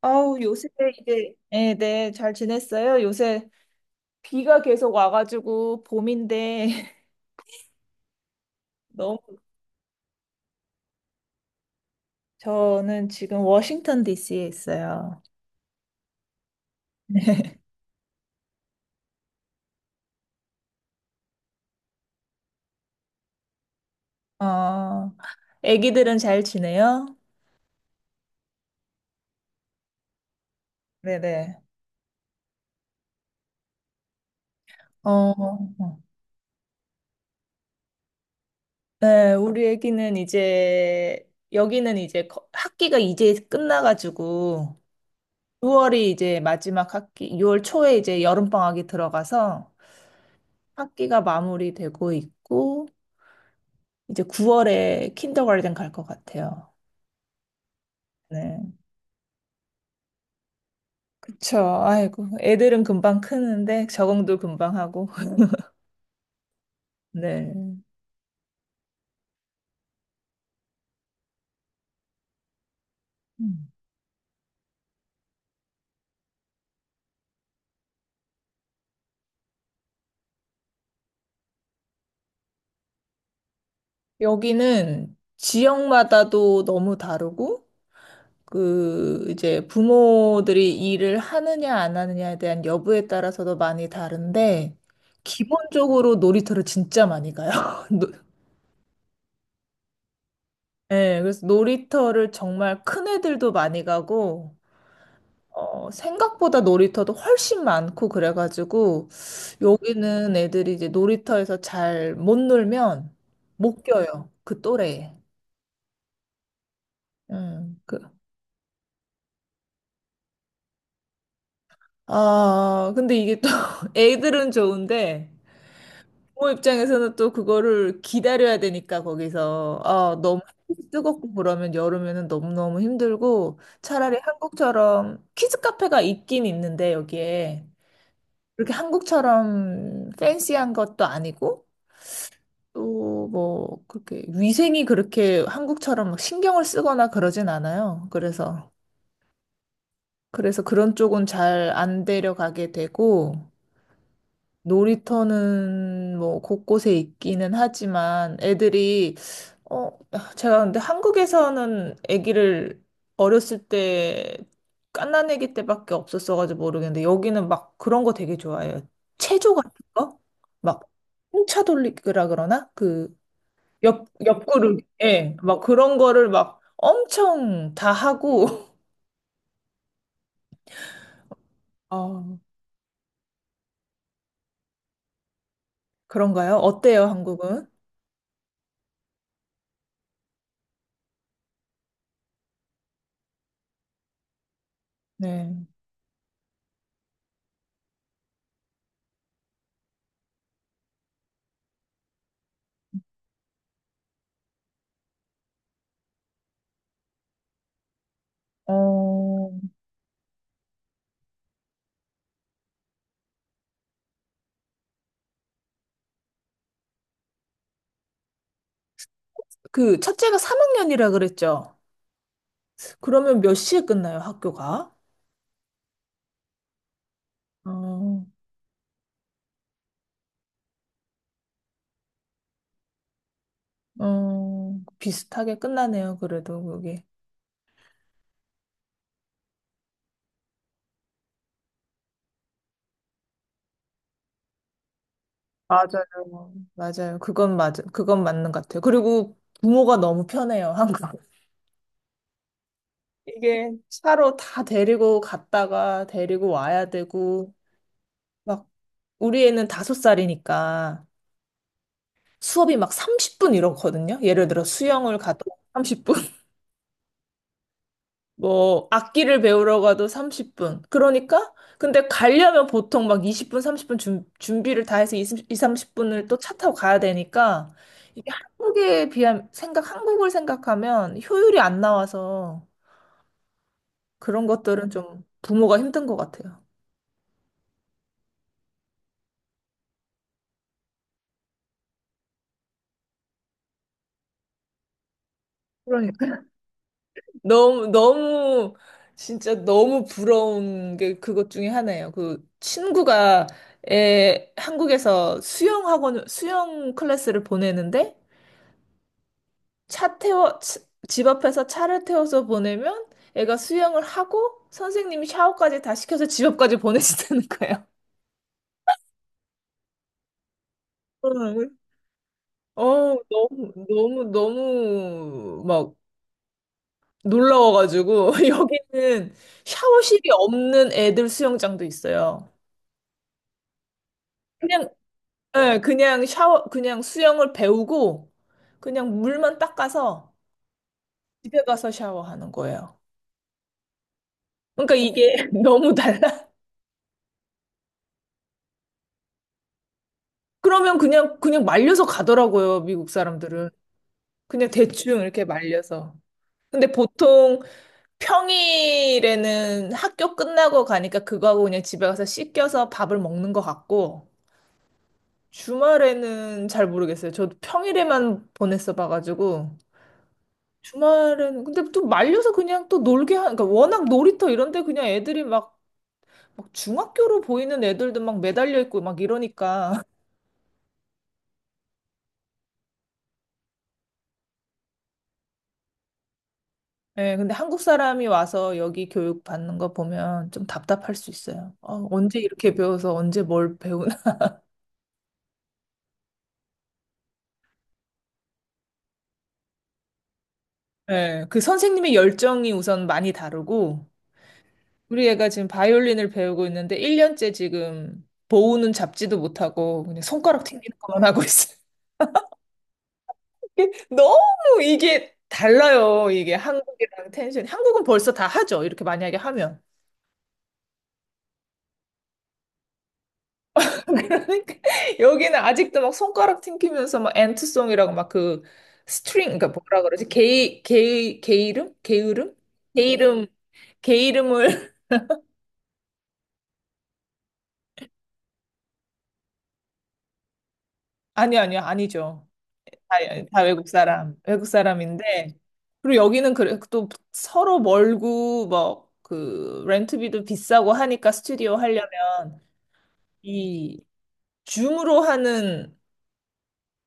아우, 요새 네, 네, 잘 지냈어요? 요새 비가 계속 와가지고 봄인데, 너무, 저는 지금 워싱턴 DC에 있어요. 어, 애기들은 잘 지내요? 네네. 어, 어. 네, 우리 애기는 이제, 여기는 이제 학기가 이제 끝나가지고, 6월이 이제 마지막 학기, 6월 초에 이제 여름방학이 들어가서 학기가 마무리되고 있고, 이제 9월에 킨더가든 갈 것 같아요. 네, 그쵸. 아이고, 애들은 금방 크는데 적응도 금방 하고. 네. 음. 여기는 지역마다도 너무 다르고, 그, 이제 부모들이 일을 하느냐 안 하느냐에 대한 여부에 따라서도 많이 다른데, 기본적으로 놀이터를 진짜 많이 가요. 노- 네, 그래서 놀이터를 정말 큰 애들도 많이 가고, 어, 생각보다 놀이터도 훨씬 많고 그래가지고 여기는 애들이 이제 놀이터에서 잘 못 놀면 못 껴요. 그 또래에. 그, 아, 근데 이게 또 애들은 좋은데 부모 입장에서는 또 그거를 기다려야 되니까 거기서 아, 너무 햇빛이 뜨겁고 그러면 여름에는 너무너무 힘들고 차라리 한국처럼 키즈 카페가 있긴 있는데 여기에 그렇게 한국처럼 팬시한 것도 아니고 또 뭐 그렇게 위생이 그렇게 한국처럼 막 신경을 쓰거나 그러진 않아요. 그래서 그래서 그런 쪽은 잘 안 데려가게 되고 놀이터는 뭐 곳곳에 있기는 하지만 애들이 어 제가 근데 한국에서는 아기를 어렸을 때 갓난아기 때밖에 없었어가지고 모르겠는데 여기는 막 그런 거 되게 좋아해요. 체조 같은 거? 막 풍차 돌리기라 그러나? 그 옆구르기, 예, 막 그런 거를 막 엄청 다 하고, 아, 그런가요? 어때요, 한국은? 네. 어, 그, 첫째가 3학년이라 그랬죠? 그러면 몇 시에 끝나요, 학교가? 어, 어, 비슷하게 끝나네요, 그래도 그게. 맞아요. 맞아요. 그건 맞는 것 같아요. 그리고 부모가 너무 편해요, 한국은. 이게 차로 다 데리고 갔다가 데리고 와야 되고, 막 우리 애는 다섯 살이니까 수업이 막 30분 이러거든요. 예를 들어 수영을 가도 30분, 뭐 악기를 배우러 가도 30분. 그러니까 근데 가려면 보통 막 20분, 30분 준비를 다 해서 20, 30분을 또 차 타고 가야 되니까 이게 한국에 비하면 생각 한국을 생각하면 효율이 안 나와서 그런 것들은 좀 부모가 힘든 것 같아요. 그러니까 너무, 너무, 진짜 너무 부러운 게 그것 중에 하나예요. 그 친구가 에, 한국에서 수영학원, 수영 클래스를 보내는데 차 태워, 차- 집 앞에서 차를 태워서 보내면 애가 수영을 하고 선생님이 샤워까지 다 시켜서 집 앞까지 보내준다는 거예요. 응. 어, 너무, 너무, 너무 막 놀라워가지고 여기는 샤워실이 없는 애들 수영장도 있어요. 그냥 네, 그냥 수영을 배우고 그냥 물만 닦아서 집에 가서 샤워하는 거예요. 그러니까 이게 너무 달라. 그러면 그냥 그냥 말려서 가더라고요, 미국 사람들은. 그냥 대충 이렇게 말려서. 근데 보통 평일에는 학교 끝나고 가니까 그거하고 그냥 집에 가서 씻겨서 밥을 먹는 것 같고 주말에는 잘 모르겠어요. 저도 평일에만 보냈어 봐가지고. 주말에는 근데 또 말려서 그냥 또 놀게 하 그러니까 워낙 놀이터 이런 데 그냥 애들이 막, 막 중학교로 보이는 애들도 막 매달려 있고 막 이러니까 예 근데 한국 사람이 와서 여기 교육 받는 거 보면 좀 답답할 수 있어요. 어, 언제 이렇게 배워서 언제 뭘 배우나. 예 그 선생님의 열정이 우선 많이 다르고 우리 애가 지금 바이올린을 배우고 있는데 1년째 지금 보우는 잡지도 못하고 그냥 손가락 튕기는 것만 하고 있어. 이게 너무 이게 달라요. 이게 한국이랑 텐션이. 한국은 벌써 다 하죠. 이렇게 만약에 하면. 그러니까 여기는 아직도 막 손가락 튕기면서 막 엔트송이라고 막 그 스트링, 그러니까 뭐라 그러지? 게이름? 게으름? 게이름, 게이름을. 아니요, 아니요, 아니죠. 다, 다 외국 사람, 외국 사람인데. 그리고 여기는 그래, 또 서로 멀고, 뭐, 그, 렌트비도 비싸고 하니까 스튜디오 하려면. 이 줌으로 하는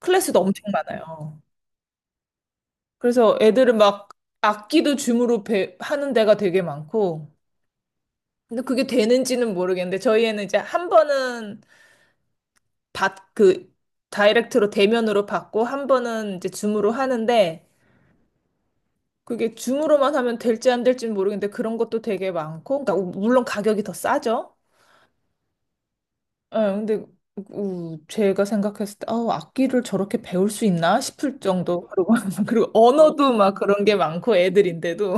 클래스도 엄청 많아요. 그래서 애들은 막 악기도 줌으로 하는 데가 되게 많고, 근데 그게 되는지는 모르겠는데, 저희 애는 이제 한 번은 받, 그, 다이렉트로 대면으로 받고, 한 번은 이제 줌으로 하는데, 그게 줌으로만 하면 될지 안 될지는 모르겠는데, 그런 것도 되게 많고, 그러니까 물론 가격이 더 싸죠. 예, 근데 우, 제가 생각했을 때, 아, 악기를 저렇게 배울 수 있나 싶을 정도. 그리고, 그리고 언어도 막 그런 게 많고 애들인데도.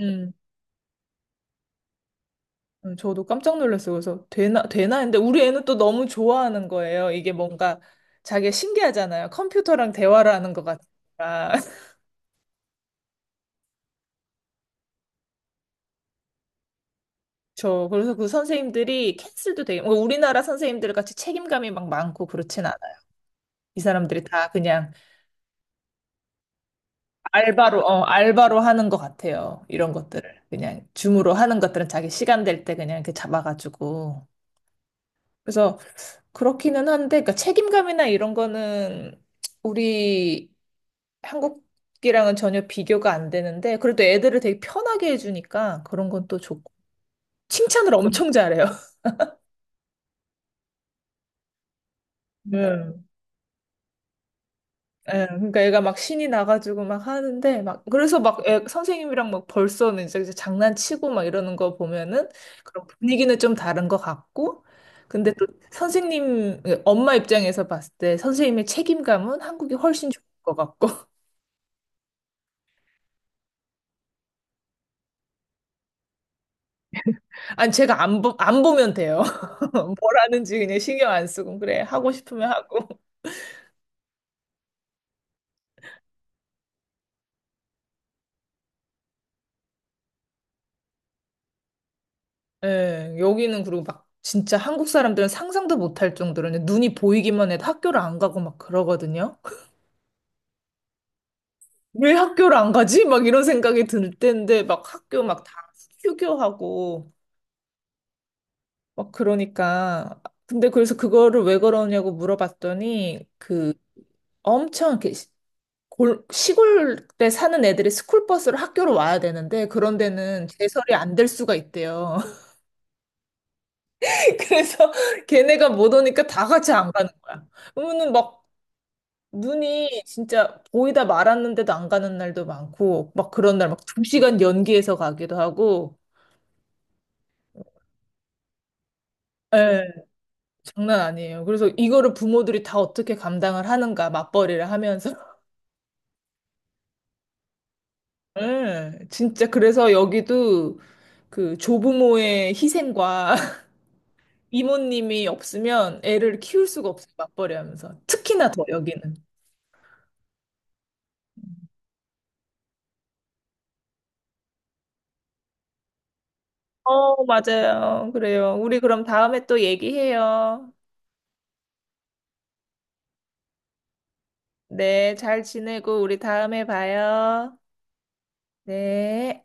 음, 저도 깜짝 놀랐어요. 그래서 되나, 되나 했는데 우리 애는 또 너무 좋아하는 거예요. 이게 뭔가 자기가 신기하잖아요. 컴퓨터랑 대화를 하는 것 같으니까. 저, 그래서 그 선생님들이 캔슬도 되게, 뭐 우리나라 선생님들 같이 책임감이 막 많고 그렇진 않아요. 이 사람들이 다 그냥 알바로, 어, 알바로 하는 것 같아요. 이런 것들을. 그냥 줌으로 하는 것들은 자기 시간 될 때 그냥 이렇게 잡아가지고. 그래서 그렇기는 한데, 그러니까 책임감이나 이런 거는 우리 한국이랑은 전혀 비교가 안 되는데, 그래도 애들을 되게 편하게 해주니까 그런 건 또 좋고. 칭찬을 엄청 잘해요. 네. 예, 그러니까 애가 막 신이 나가지고 막 하는데 막 그래서 선생님이랑 막 벌써는 이제, 이제 장난치고 막 이러는 거 보면은 그런 분위기는 좀 다른 것 같고 근데 또 선생님 엄마 입장에서 봤을 때 선생님의 책임감은 한국이 훨씬 좋을 것 같고 아니 제가 안 보면 돼요. 뭘 하는지 그냥 신경 안 쓰고 그래 하고 싶으면 하고 예, 여기는 그리고 막 진짜 한국 사람들은 상상도 못할 정도로 그냥 눈이 보이기만 해도 학교를 안 가고 막 그러거든요. 왜 학교를 안 가지? 막 이런 생각이 들 때인데 막 학교 막 다 휴교하고 막 그러니까 근데 그래서 그거를 왜 그러냐고 물어봤더니 엄청 이렇게 시골에 사는 애들이 스쿨버스로 학교로 와야 되는데 그런 데는 제설이 안 될 수가 있대요. 그래서 걔네가 못 오니까 다 같이 안 가는 거야. 그러면은 막 눈이 진짜 보이다 말았는데도 안 가는 날도 많고 막 그런 날 막 2시간 연기해서 가기도 하고 예. 장난 아니에요. 그래서 이거를 부모들이 다 어떻게 감당을 하는가, 맞벌이를 하면서. 예, 진짜 그래서 여기도 그 조부모의 희생과 이모님이 없으면 애를 키울 수가 없어요, 맞벌이 하면서. 특히나 더 여기는. 어, 맞아요. 그래요. 우리 그럼 다음에 또 얘기해요. 네, 잘 지내고 우리 다음에 봐요. 네.